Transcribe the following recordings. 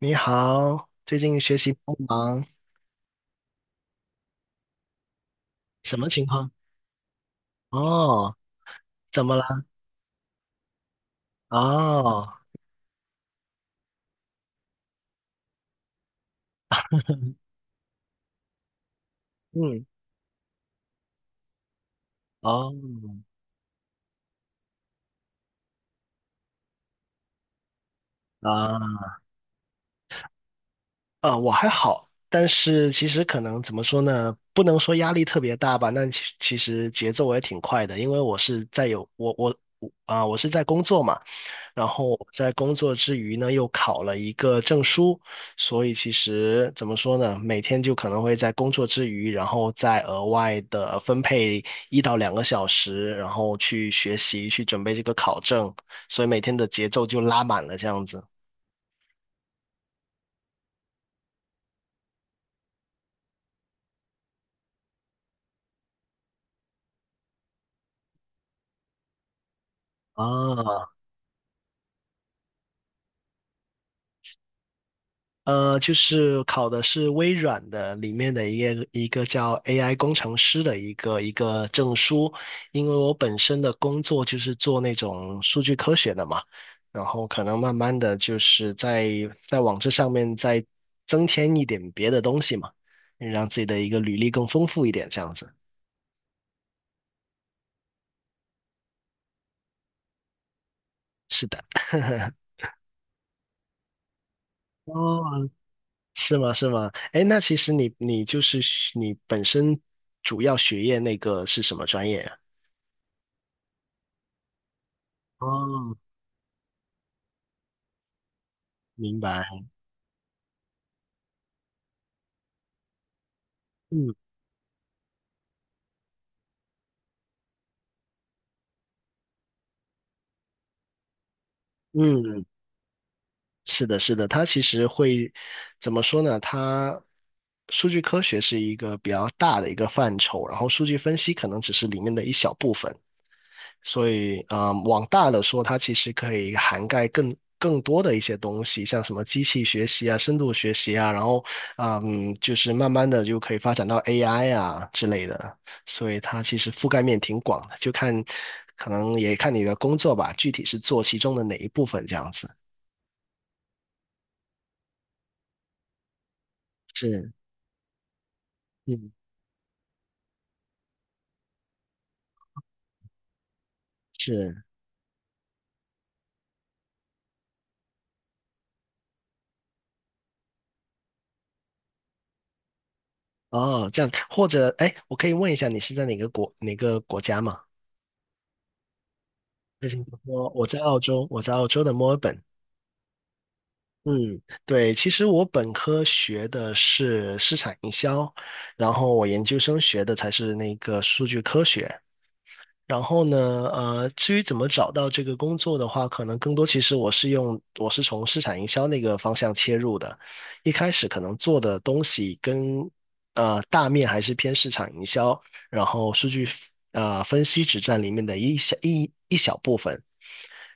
你好，最近学习帮忙，什么情况？哦，怎么了？哦，嗯，哦，啊我还好，但是其实可能怎么说呢？不能说压力特别大吧，那其实节奏我也挺快的，因为我是在有我我我啊，我是在工作嘛。然后在工作之余呢，又考了一个证书，所以其实怎么说呢，每天就可能会在工作之余，然后再额外的分配1到2个小时，然后去学习，去准备这个考证，所以每天的节奏就拉满了这样子。啊，就是考的是微软的里面的一个叫 AI 工程师的一个证书，因为我本身的工作就是做那种数据科学的嘛，然后可能慢慢的就是在往这上面再增添一点别的东西嘛，让自己的一个履历更丰富一点，这样子。是的。哦，是吗？是吗？哎，那其实你就是学你本身主要学业那个是什么专业呀？哦，明白，嗯嗯，是的，是的，它其实会怎么说呢？它数据科学是一个比较大的一个范畴，然后数据分析可能只是里面的一小部分。所以，嗯，往大了说，它其实可以涵盖更多的一些东西，像什么机器学习啊、深度学习啊，然后，嗯，就是慢慢的就可以发展到 AI 啊之类的。所以它其实覆盖面挺广的，就看可能也看你的工作吧，具体是做其中的哪一部分这样子。是，嗯，是，哦，这样，或者，哎，我可以问一下，你是在哪个国家吗？我在澳洲，我在澳洲的墨尔本。嗯，对，其实我本科学的是市场营销，然后我研究生学的才是那个数据科学。然后呢，至于怎么找到这个工作的话，可能更多其实我是从市场营销那个方向切入的，一开始可能做的东西跟大面还是偏市场营销，然后数据分析只占里面的一小一一小部分。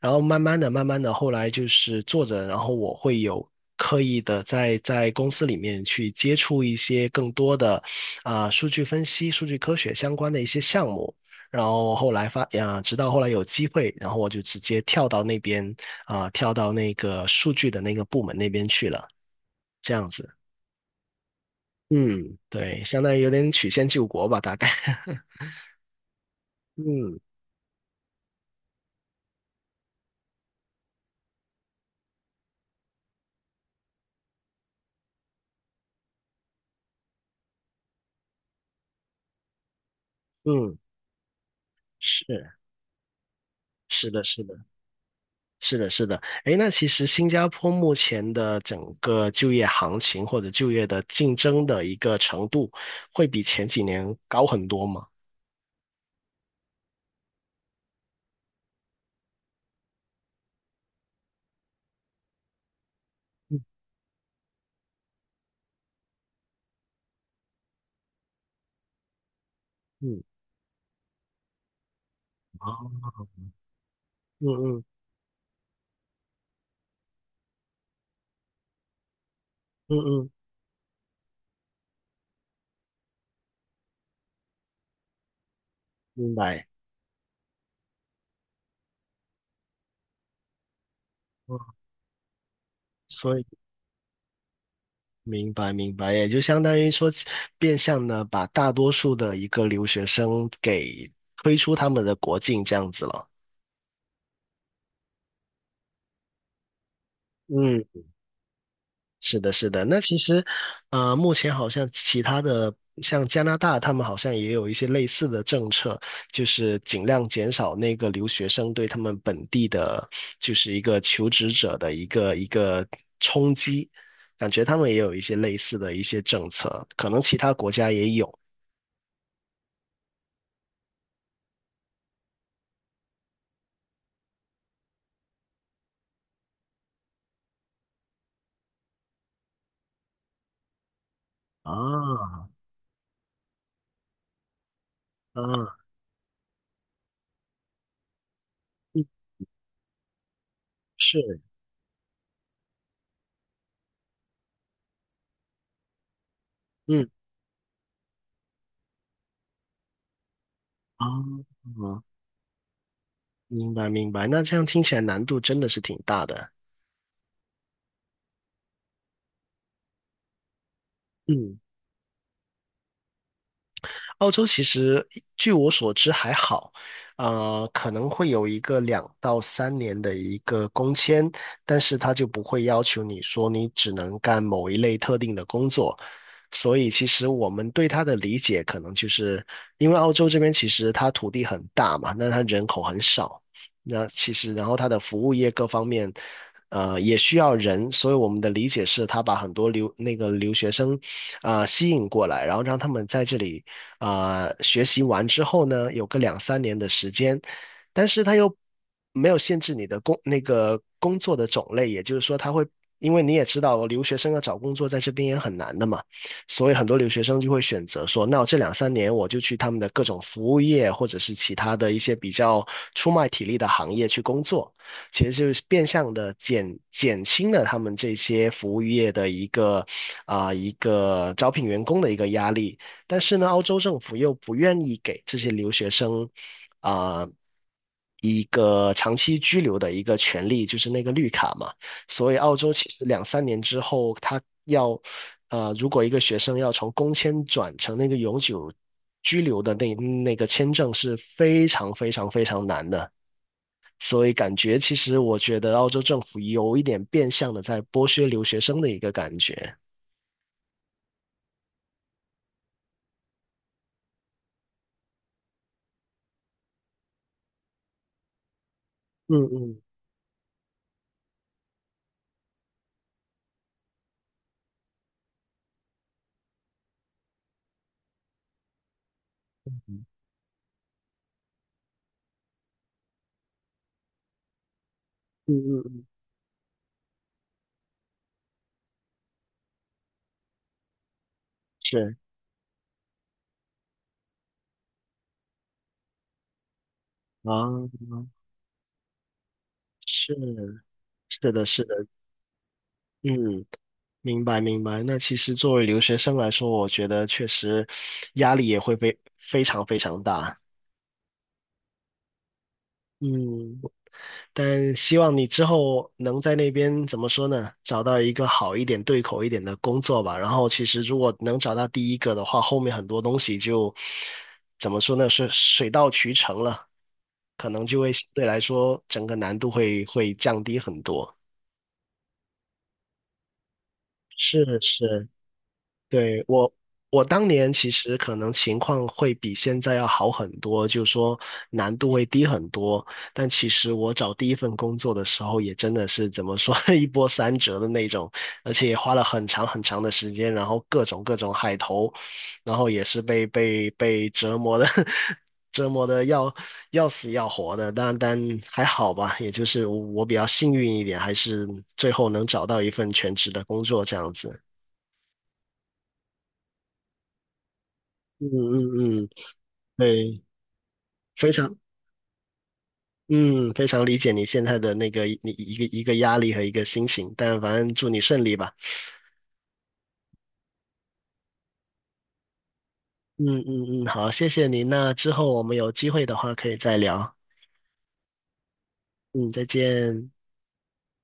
然后慢慢的、慢慢的，后来就是做着，然后我会有刻意的在公司里面去接触一些更多的啊、数据分析、数据科学相关的一些项目。然后后来直到后来有机会，然后我就直接跳到那边啊、跳到那个数据的那个部门那边去了，这样子。嗯，对，相当于有点曲线救国吧，大概。嗯嗯，是是的，是的。是的，是的，诶，那其实新加坡目前的整个就业行情或者就业的竞争的一个程度，会比前几年高很多吗？嗯嗯，哦，嗯嗯嗯嗯，明白。嗯，所以明白明白，也就相当于说，变相的把大多数的一个留学生给推出他们的国境这样子了。嗯。是的，是的。那其实，目前好像其他的，像加拿大，他们好像也有一些类似的政策，就是尽量减少那个留学生对他们本地的，就是一个求职者的一个冲击。感觉他们也有一些类似的一些政策，可能其他国家也有。啊啊，嗯，是，嗯，啊，明白明白。那这样听起来难度真的是挺大的。嗯。澳洲其实据我所知还好，可能会有一个2到3年的一个工签，但是他就不会要求你说你只能干某一类特定的工作。所以其实我们对他的理解可能就是，因为澳洲这边其实它土地很大嘛，那它人口很少，那其实然后它的服务业各方面。也需要人，所以我们的理解是，他把很多留那个留学生，啊、吸引过来，然后让他们在这里啊、学习完之后呢，有个两三年的时间，但是他又没有限制你的工那个工作的种类，也就是说，他会因为你也知道，留学生要找工作在这边也很难的嘛，所以很多留学生就会选择说，那我这两三年我就去他们的各种服务业或者是其他的一些比较出卖体力的行业去工作。其实就是变相的减轻了他们这些服务业的一个啊、一个招聘员工的一个压力。但是呢，澳洲政府又不愿意给这些留学生啊、一个长期居留的一个权利，就是那个绿卡嘛。所以澳洲其实两三年之后，他要，如果一个学生要从工签转成那个永久居留的那个签证是非常非常非常难的。所以感觉其实我觉得澳洲政府有一点变相的在剥削留学生的一个感觉。嗯嗯嗯嗯嗯，是啊，是是的，是的，嗯，明白明白。那其实作为留学生来说，我觉得确实压力也会非常非常大。嗯，但希望你之后能在那边怎么说呢？找到一个好一点、对口一点的工作吧。然后，其实如果能找到第一个的话，后面很多东西就怎么说呢？是水到渠成了，可能就会相对来说整个难度会降低很多。是是，对，我，我当年其实可能情况会比现在要好很多，就是说难度会低很多。但其实我找第一份工作的时候，也真的是怎么说 一波三折的那种，而且也花了很长很长的时间，然后各种各种海投，然后也是被折磨的 折磨的要死要活的。但还好吧，也就是我比较幸运一点，还是最后能找到一份全职的工作这样子。嗯嗯对，非常，嗯，非常理解你现在的那个你一个一个压力和一个心情，但反正祝你顺利吧。嗯嗯嗯，好，谢谢您。那之后我们有机会的话可以再聊。嗯，再见。